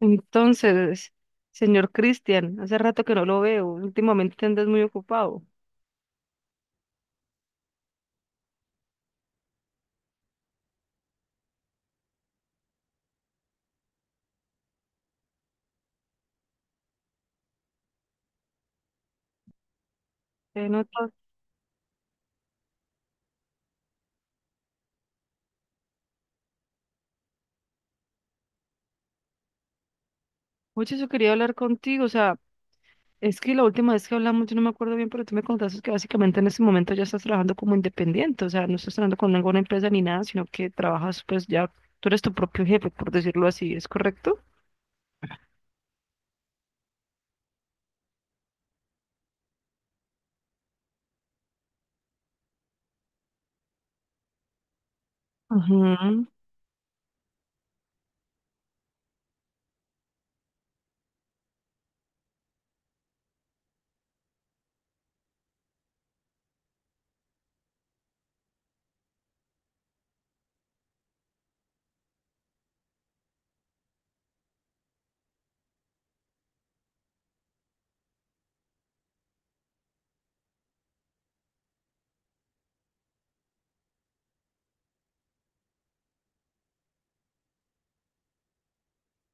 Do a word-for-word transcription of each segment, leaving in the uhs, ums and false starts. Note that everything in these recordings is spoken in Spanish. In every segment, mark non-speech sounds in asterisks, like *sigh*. Entonces, señor Cristian, hace rato que no lo veo, últimamente andas muy ocupado. Te noto. Mucho eso quería hablar contigo, o sea, es que la última vez que hablamos yo no me acuerdo bien, pero tú me contaste que básicamente en este momento ya estás trabajando como independiente, o sea, no estás trabajando con ninguna empresa ni nada, sino que trabajas pues ya, tú eres tu propio jefe, por decirlo así, ¿es correcto? Ajá.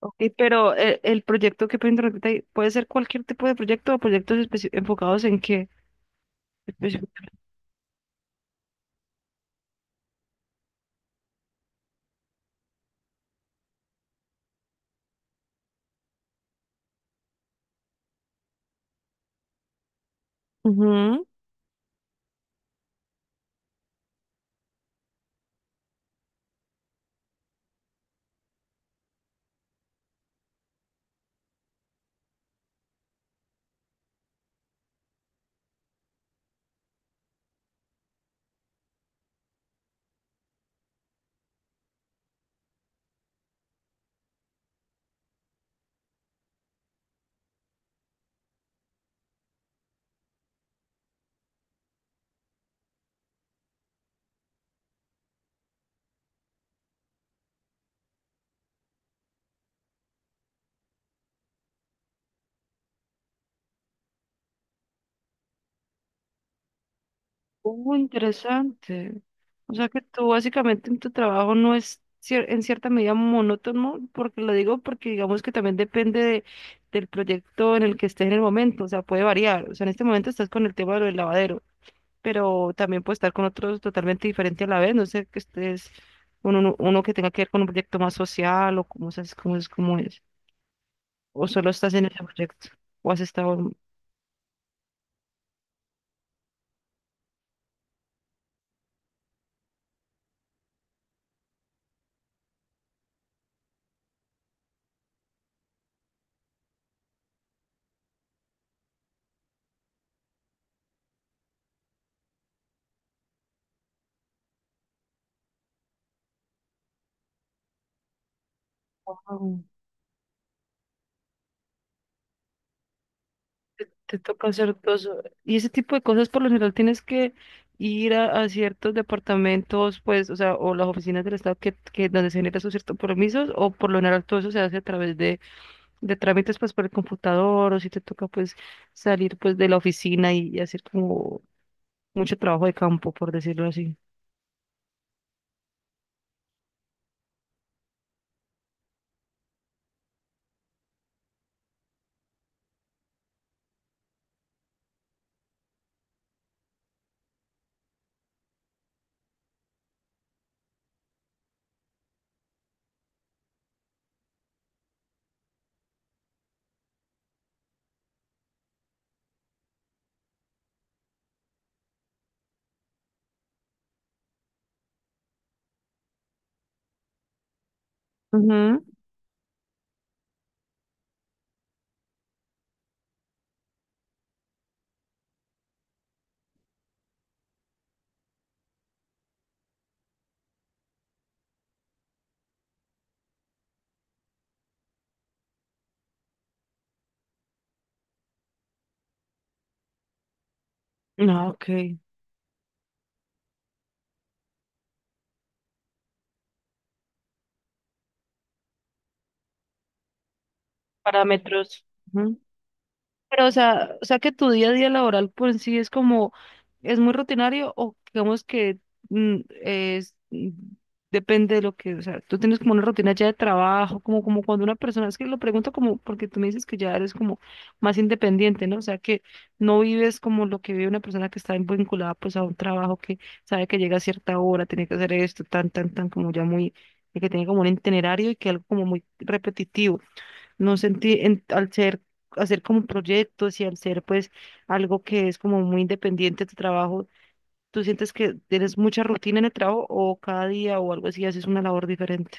Ok, pero eh, el proyecto que puede interrumpirte ahí, ¿puede ser cualquier tipo de proyecto o proyectos especi- enfocados en qué? Especi-. Ujú. Oh, interesante. O sea que tú básicamente en tu trabajo no es cier- en cierta medida monótono, porque lo digo porque digamos que también depende de- del proyecto en el que estés en el momento, o sea, puede variar. O sea, en este momento estás con el tema de lo del lavadero, pero también puedes estar con otros totalmente diferente a la vez, no sé, que estés con uno, uno que tenga que ver con un proyecto más social o cómo es, cómo es, cómo es. ¿O solo estás en ese proyecto, o has estado...? Wow. Te toca hacer todo eso. Y ese tipo de cosas por lo general tienes que ir a, a ciertos departamentos, pues, o sea, o las oficinas del Estado que, que donde se generan sus ciertos permisos, o por lo general todo eso se hace a través de, de trámites, pues, por el computador, o si te toca, pues, salir, pues, de la oficina y, y hacer como mucho trabajo de campo, por decirlo así. Ujú. Ah, ok. Parámetros. Pero, o sea, o sea que tu día a día laboral por en sí es como, es muy rutinario o digamos que mm, es, mm, depende de lo que, o sea, tú tienes como una rutina ya de trabajo, como, como cuando una persona, es que lo pregunto como, porque tú me dices que ya eres como más independiente, ¿no? O sea, que no vives como lo que vive una persona que está vinculada pues a un trabajo que sabe que llega a cierta hora, tiene que hacer esto, tan, tan, tan, como ya muy, que tiene como un itinerario y que algo como muy repetitivo. No sentí, en- al ser, hacer como proyectos y al ser pues algo que es como muy independiente de tu trabajo, ¿tú sientes que tienes mucha rutina en el trabajo o cada día o algo así haces una labor diferente?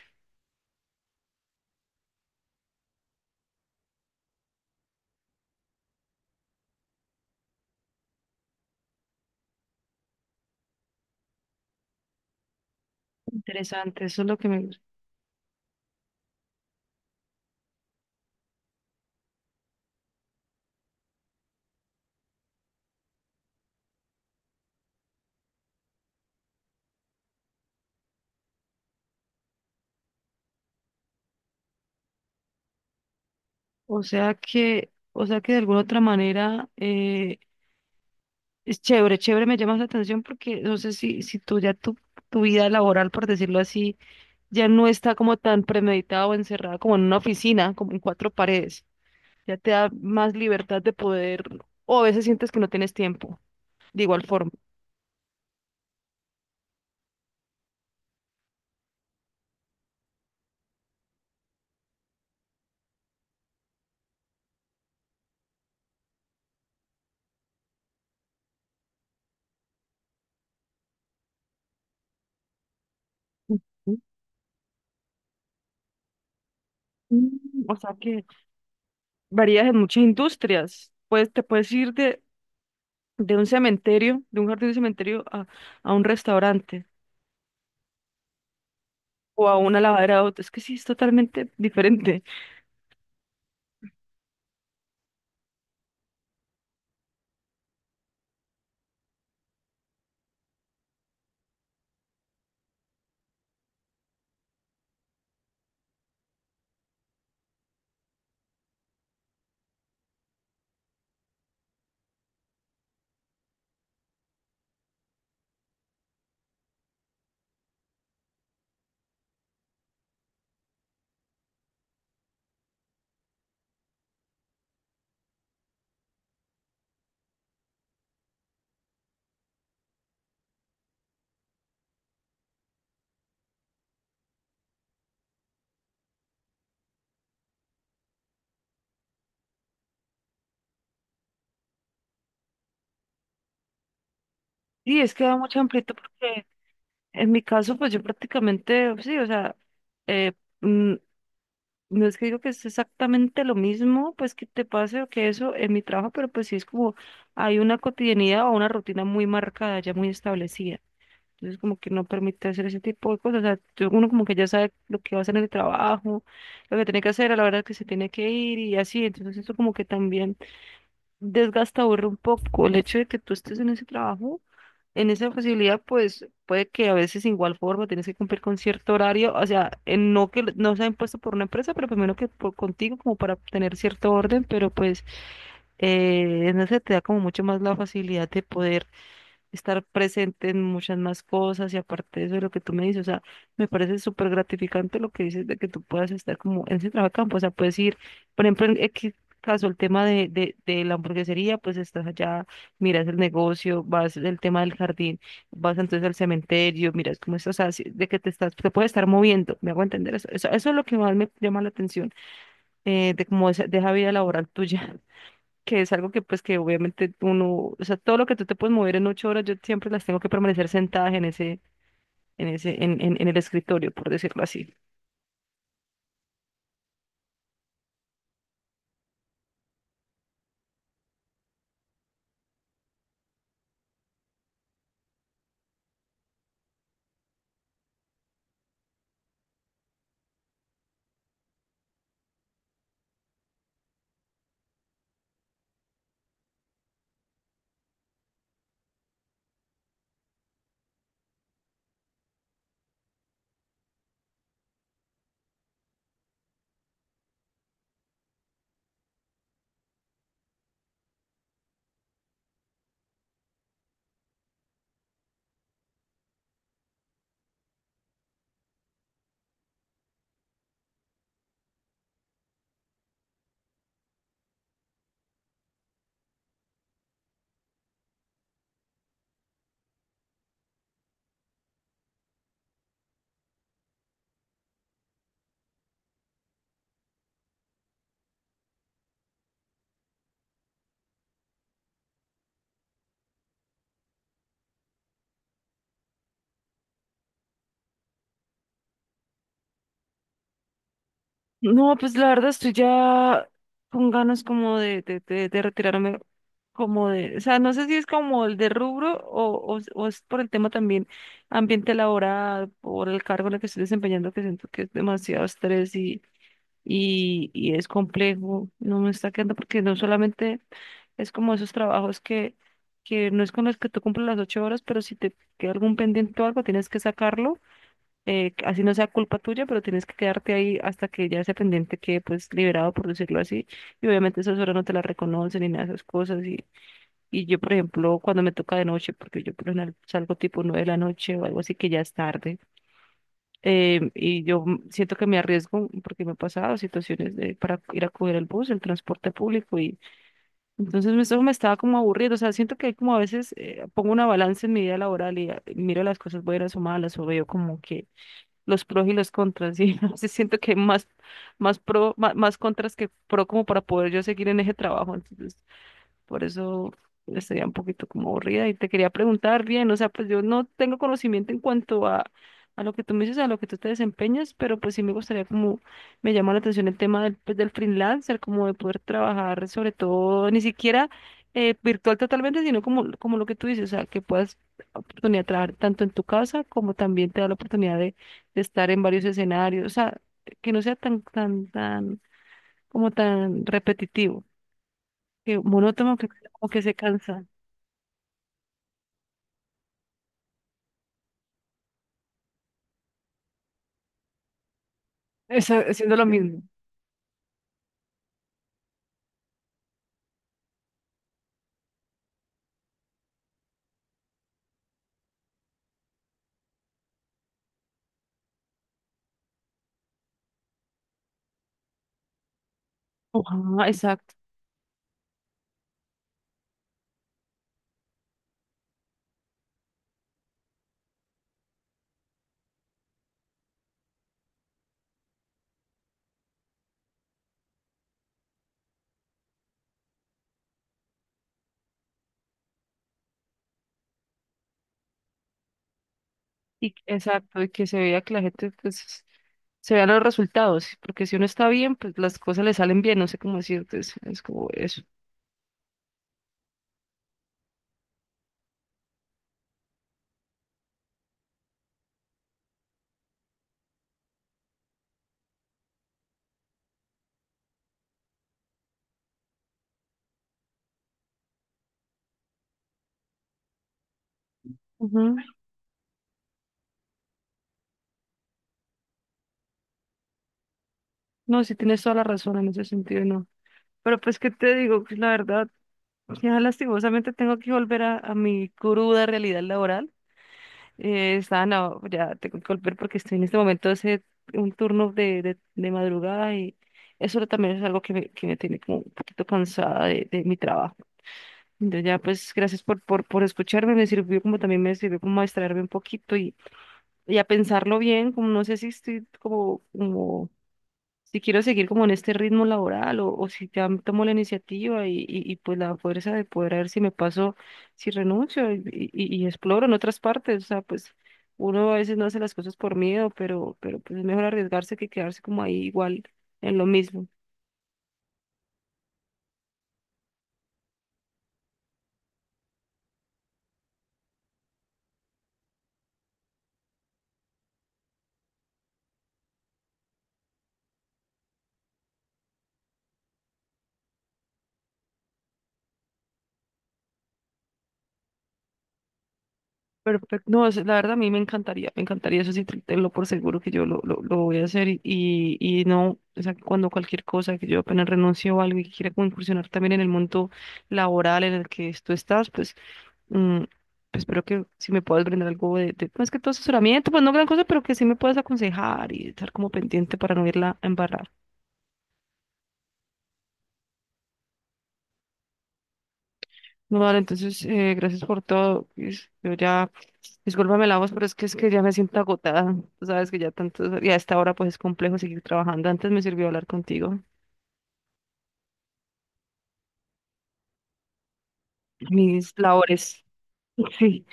Interesante, eso es lo que me gusta. O sea que, o sea que de alguna otra manera eh, es chévere, chévere, me llama la atención porque no sé si, si tú ya tu, tu vida laboral, por decirlo así, ya no está como tan premeditada o encerrada como en una oficina, como en cuatro paredes. Ya te da más libertad de poder, o a veces sientes que no tienes tiempo, de igual forma. Ujú. Mm, O sea que varías en muchas industrias. Pues te puedes ir de, de un cementerio, de un jardín de cementerio a, a un restaurante o a una lavadera de autos. Es que sí, es totalmente *laughs* diferente. Sí, es que da mucha amplitud porque en mi caso, pues yo prácticamente, sí, o sea, eh, mm, no es que digo que es exactamente lo mismo, pues que te pase o que eso en mi trabajo, pero pues sí es como hay una cotidianidad o una rutina muy marcada, ya muy establecida. Entonces como que no permite hacer ese tipo de cosas. O sea, tú- uno como que ya sabe lo que va a hacer en el trabajo, lo que tiene que hacer a la hora que se tiene que ir y así. Entonces eso como que también desgasta, aburre un poco el hecho de que tú estés en ese trabajo en esa posibilidad, pues puede que a veces igual forma tienes que cumplir con cierto horario, o sea, en- no que no sea impuesto por una empresa, pero primero que por contigo, como para tener cierto orden, pero pues eh, en eso te da como mucho más la facilidad de poder estar presente en muchas más cosas y aparte de eso de lo que tú me dices, o sea, me parece súper gratificante lo que dices de que tú puedas estar como en ese trabajo a campo, o sea, puedes ir, por ejemplo, en X caso, el tema de, de, de la hamburguesería, pues estás allá, miras el negocio, vas el tema del jardín, vas entonces al cementerio, miras cómo estás, o sea, si- de que te estás, te puedes estar moviendo, me hago entender eso, eso, eso es lo que más me llama la atención, eh, de cómo esa, de esa vida laboral tuya que es algo que pues que obviamente uno, o sea, todo lo que tú te puedes mover en ocho horas, yo siempre las tengo que permanecer sentadas en ese, en ese, en, en, en el escritorio, por decirlo así. No, pues la verdad estoy ya con ganas como de, de, de, de retirarme, como de, o sea, no sé si es como el de rubro o, o, o es por el tema también ambiente laboral, por el cargo en el que estoy desempeñando, que siento que es demasiado estrés y y, y es complejo, no me está quedando porque no solamente es como esos trabajos que, que no es con los que tú cumples las ocho horas, pero si te queda algún pendiente o algo, tienes que sacarlo, eh, así no sea culpa tuya, pero tienes que quedarte ahí hasta que ya ese pendiente quede pues liberado, por decirlo así, y obviamente esas horas no te las reconocen ni nada de esas cosas, y, y yo por ejemplo cuando me toca de noche, porque yo por lo general salgo tipo nueve de la noche o algo así que ya es tarde, eh, y yo m- siento que me arriesgo porque me he pasado situaciones de, para ir a coger el bus, el transporte público y entonces me- eso me estaba como aburriendo, o sea, siento que hay como a veces eh, pongo una balanza en mi vida laboral y ah, miro las cosas buenas o malas o veo como que los pros y los contras y *laughs* a veces siento que hay más, más pro, ma- más, contras que pro como para poder yo seguir en ese trabajo, entonces por eso estaría un poquito como aburrida y te quería preguntar bien, o sea, pues yo no tengo conocimiento en cuanto a, a lo que tú me dices, a lo que tú te desempeñas, pero pues sí me gustaría como, me llama la atención el tema del, pues, del freelancer, como de poder trabajar sobre todo, ni siquiera eh, virtual totalmente, sino como, como lo que tú dices, o sea, que puedas oportunidad de trabajar tanto en tu casa como también te da la oportunidad de, de estar en varios escenarios, o sea, que no sea tan, tan, tan, como tan repetitivo que monótono que como que se cansa esa- haciendo lo mismo. Ajá, exacto. Y, exacto, y que se vea que la gente, pues, se vean los resultados, porque si uno está bien, pues las cosas le salen bien, no sé cómo decirte, es, es como eso. Ujú. No, sí tienes toda la razón en ese sentido, no. Pero pues, ¿qué te digo? Pues, la verdad, ya lastimosamente tengo que volver a, a mi cruda realidad laboral. Eh, está, no, ya tengo que volver porque estoy en este momento hace un turno de, de, de madrugada y eso también es algo que me, que me tiene como un poquito cansada de, de mi trabajo. Entonces ya pues gracias por, por, por escucharme, me sirvió como también me sirvió como a distraerme un poquito y, y a pensarlo bien, como no sé si estoy como, como si quiero seguir como en este ritmo laboral o, o si ya tomo la iniciativa y, y, y, pues la fuerza de poder a ver si me paso, si renuncio y, y- y exploro en otras partes. O sea, pues uno a veces no hace las cosas por miedo, pero, pero pues es mejor arriesgarse que quedarse como ahí igual en lo mismo. Perfecto. No, es- la verdad a mí me encantaría, me encantaría eso sí, te- tenlo por seguro que yo lo, lo, lo voy a hacer y, y, y no, o sea, cuando cualquier cosa, que yo apenas renuncio o algo y quiera como incursionar también en el mundo laboral en el que tú estás, pues Mm, pues espero que si me puedas brindar algo de, de- más que todo asesoramiento, pues no gran cosa, pero que sí me puedas aconsejar y estar como pendiente para no irla a embarrar. No, vale, entonces, eh, gracias por todo. Is- Yo ya, discúlpame la voz, pero es que es que ya me siento agotada. Tú sabes que ya tanto, y a esta hora pues es complejo seguir trabajando. Antes me sirvió hablar contigo. Mis labores. *laughs* Sí.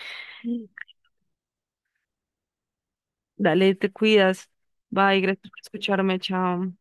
Dale, te cuidas. Bye, gracias por escucharme. Chao.